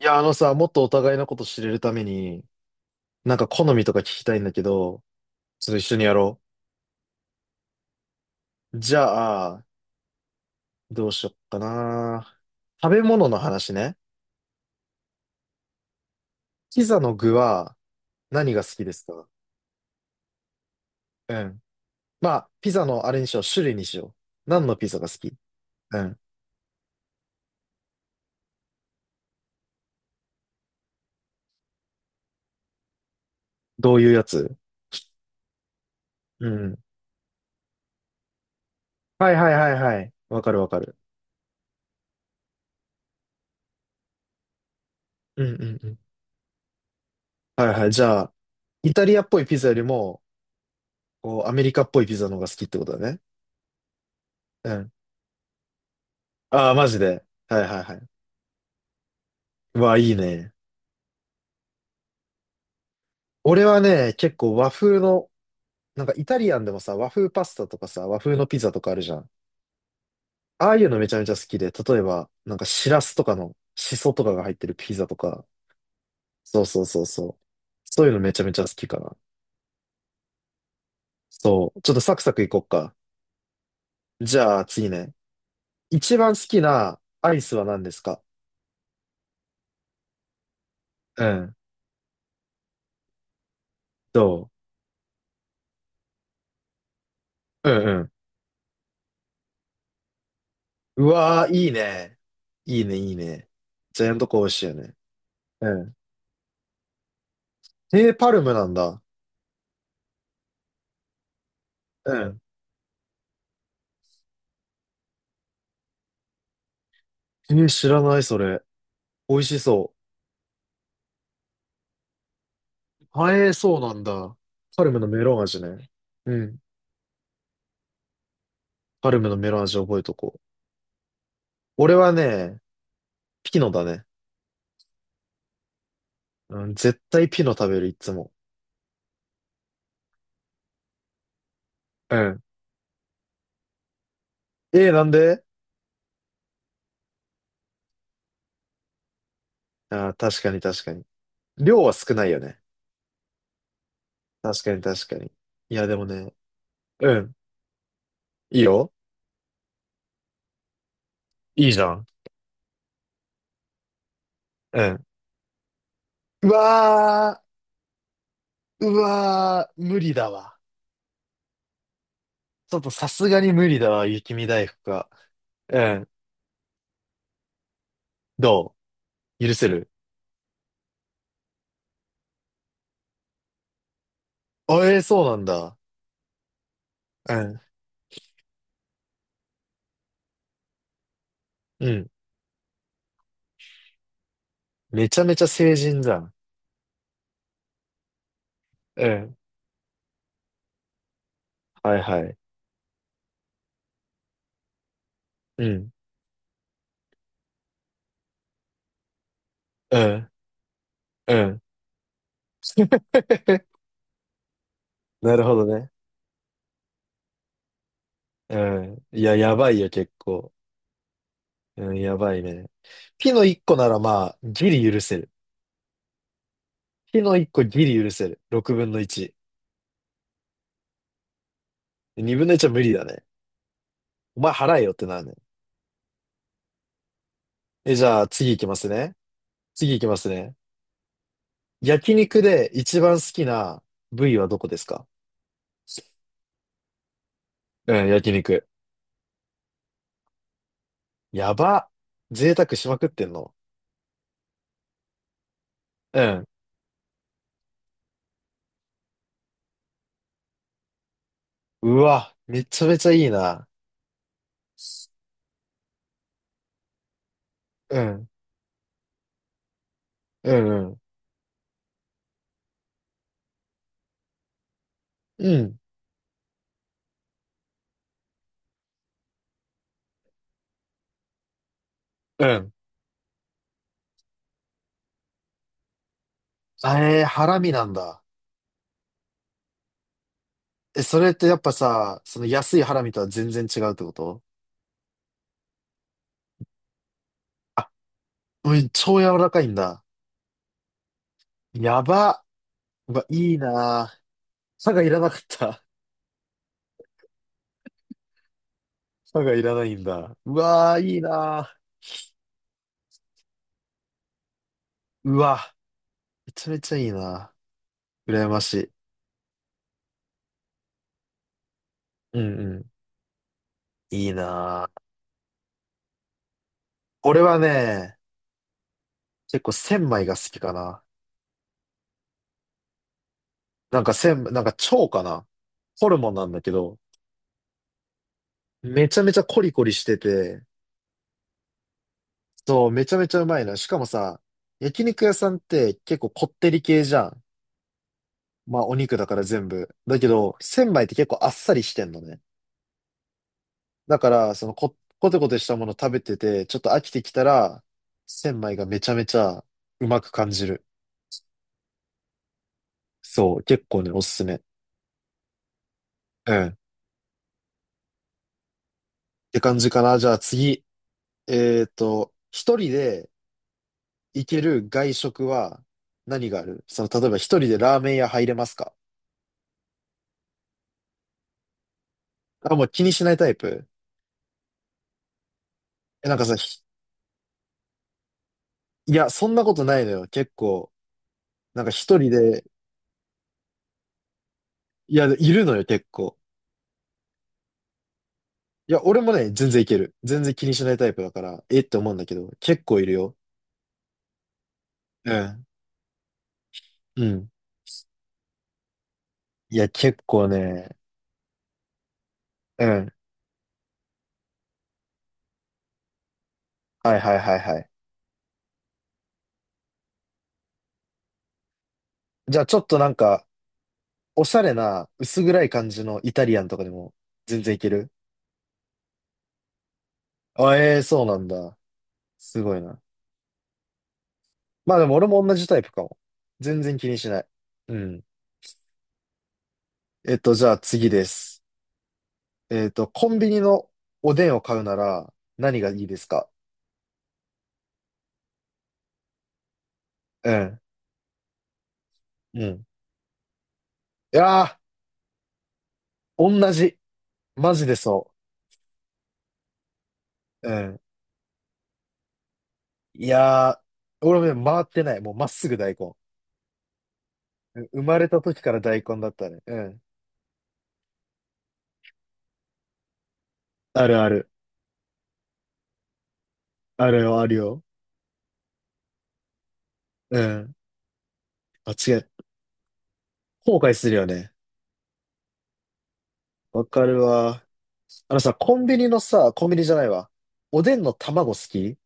いや、あのさ、もっとお互いのこと知れるために、なんか好みとか聞きたいんだけど、ちょっと一緒にやろう。じゃあ、どうしよっかな。食べ物の話ね。ピザの具は何が好きですか？うん。まあ、ピザのあれにしよう、種類にしよう。何のピザが好き？うん。どういうやつ？うん。はいはいはいはい。わかるわかる。うんうんうん。はいはい。じゃあ、イタリアっぽいピザよりも、こう、アメリカっぽいピザの方が好きってことだね。うん。ああ、マジで。はいはいはい。うわあ、いいね。俺はね、結構和風の、なんかイタリアンでもさ、和風パスタとかさ、和風のピザとかあるじゃん。ああいうのめちゃめちゃ好きで、例えば、なんかシラスとかのシソとかが入ってるピザとか、そうそうそうそう。そういうのめちゃめちゃ好きかな。そう。ちょっとサクサクいこっか。じゃあ次ね。一番好きなアイスは何ですか？うん。どう？うんうん。うわー、いいね。いいね、いいね。ジャイアントコーン美味しいよね。うん。えー、パルムなんだ。うん。えー、知らない、それ。美味しそう。はえー、そうなんだ。パルムのメロン味ね。うん。パルムのメロン味覚えとこう。俺はね、ピノだね。うん、絶対ピノ食べる、いつも。うん。えー、なんで？あー、確かに確かに。量は少ないよね。確かに確かに。いや、でもね。うん。いいよ。いいじゃん。うん。うわー、うわー、無理だわ。ちょっとさすがに無理だわ、雪見大福は。うん。どう？許せる？あ、えー、そうなんだ。うん。うん。めちゃめちゃ成人じゃん。うん。はいはい。うん。うん。うん。なるほどね。うん。いや、やばいよ、結構。うん、やばいね。ピの1個ならまあ、ギリ許せる。ピの1個ギリ許せる。6分の1。2分の1は無理だね。お前払えよってなるね。え、じゃあ、次行きますね。次行きますね。焼肉で一番好きな部位はどこですか？うん、焼肉。やば。贅沢しまくってんの。うん。うわ、めちゃめちゃいいな。うん、うん、うん、うん、うん。あれハラミなんだ。え、それってやっぱさ、その安いハラミとは全然違うってこと？うん、超柔らかいんだ。やば。うわ、いいなぁ。歯がいらなかった。歯がいらないんだ。うわー、いいなぁ。うわ、めちゃめちゃいいなぁ。羨ましい。うんうん。いいなぁ。俺はね、結構千枚が好きかな。なんか千、なんか蝶かな。ホルモンなんだけど、めちゃめちゃコリコリしてて、そう、めちゃめちゃうまいの。しかもさ、焼肉屋さんって結構こってり系じゃん。まあお肉だから全部。だけど、千枚って結構あっさりしてんのね。だから、その、コテコテしたもの食べてて、ちょっと飽きてきたら、千枚がめちゃめちゃうまく感じる。そう、結構ね、おすすめ。うん。って感じかな。じゃあ次。一人で行ける外食は何がある？その、例えば一人でラーメン屋入れますか？あ、もう気にしないタイプ？え、なんかさ、いや、そんなことないのよ。結構、なんか一人で、いや、いるのよ、結構。いや、俺もね、全然いける。全然気にしないタイプだから、えって思うんだけど、結構いるよ。うん。うん。いや、結構ね、うん。はいはいはいはい。じゃあ、ちょっとなんか、おしゃれな、薄暗い感じのイタリアンとかでも、全然いける？あ、ええそうなんだ。すごいな。まあでも、俺も同じタイプかも。全然気にしない。うん。じゃあ次です。コンビニのおでんを買うなら何がいいですか？うん。うん。いやー、同じ。マジでそう。うん。いやー、俺もね、回ってない。もうまっすぐ大根。うん生まれた時から大根だったね。うん。あるある。あるよ、あるよ。うん。あ、違う。後悔するよね。わかるわ。あのさ、コンビニのさ、コンビニじゃないわ。おでんの卵好き？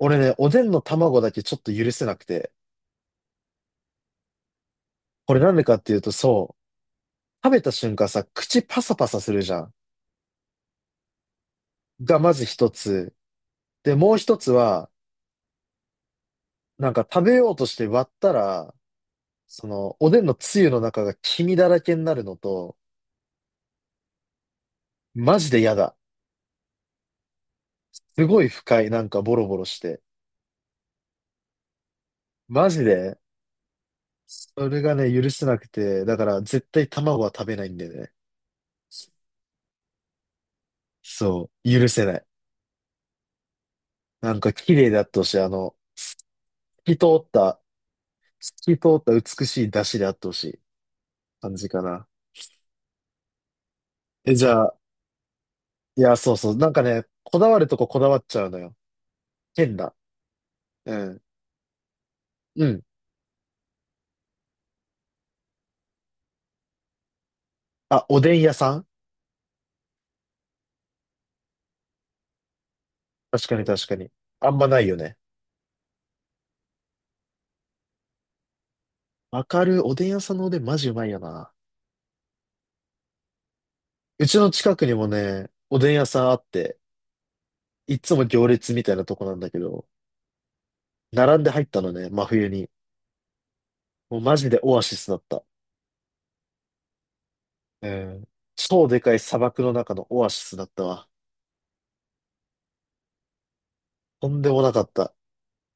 俺ね、おでんの卵だけちょっと許せなくて。これなんでかっていうと、そう。食べた瞬間さ、口パサパサするじゃん。がまず一つ。で、もう一つは、なんか食べようとして割ったら、その、おでんのつゆの中が黄身だらけになるのと、マジで嫌だ。すごい不快。なんかボロボロして。マジで、それがね、許せなくて、だから絶対卵は食べないんだよね。そう、許せない。なんか綺麗であってほしい。き通った、透き通った美しい出汁であってほしい感じかな。え、じゃあ、いや、そうそう。なんかね、こだわるとここだわっちゃうのよ。変な。うん。うん。あ、おでん屋さん？確かに確かに。あんまないよね。わかる。おでん屋さんのおでんマジうまいよな。うちの近くにもね、おでん屋さんあって、いつも行列みたいなとこなんだけど、並んで入ったのね、真冬に。もうマジでオアシスだった。うん。超でかい砂漠の中のオアシスだったわ。とんでもなかった。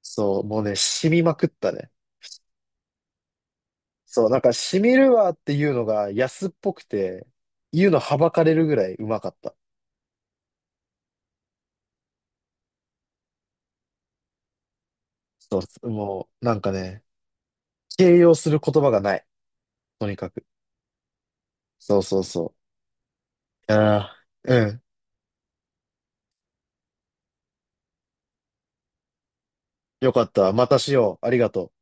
そう、もうね、染みまくったね。そう、なんか、しみるわっていうのが安っぽくて、言うのはばかれるぐらいうまかった。そう、もう、なんかね、形容する言葉がない。とにかく。そうそうそう。いやーうん。よかった。またしよう。ありがとう。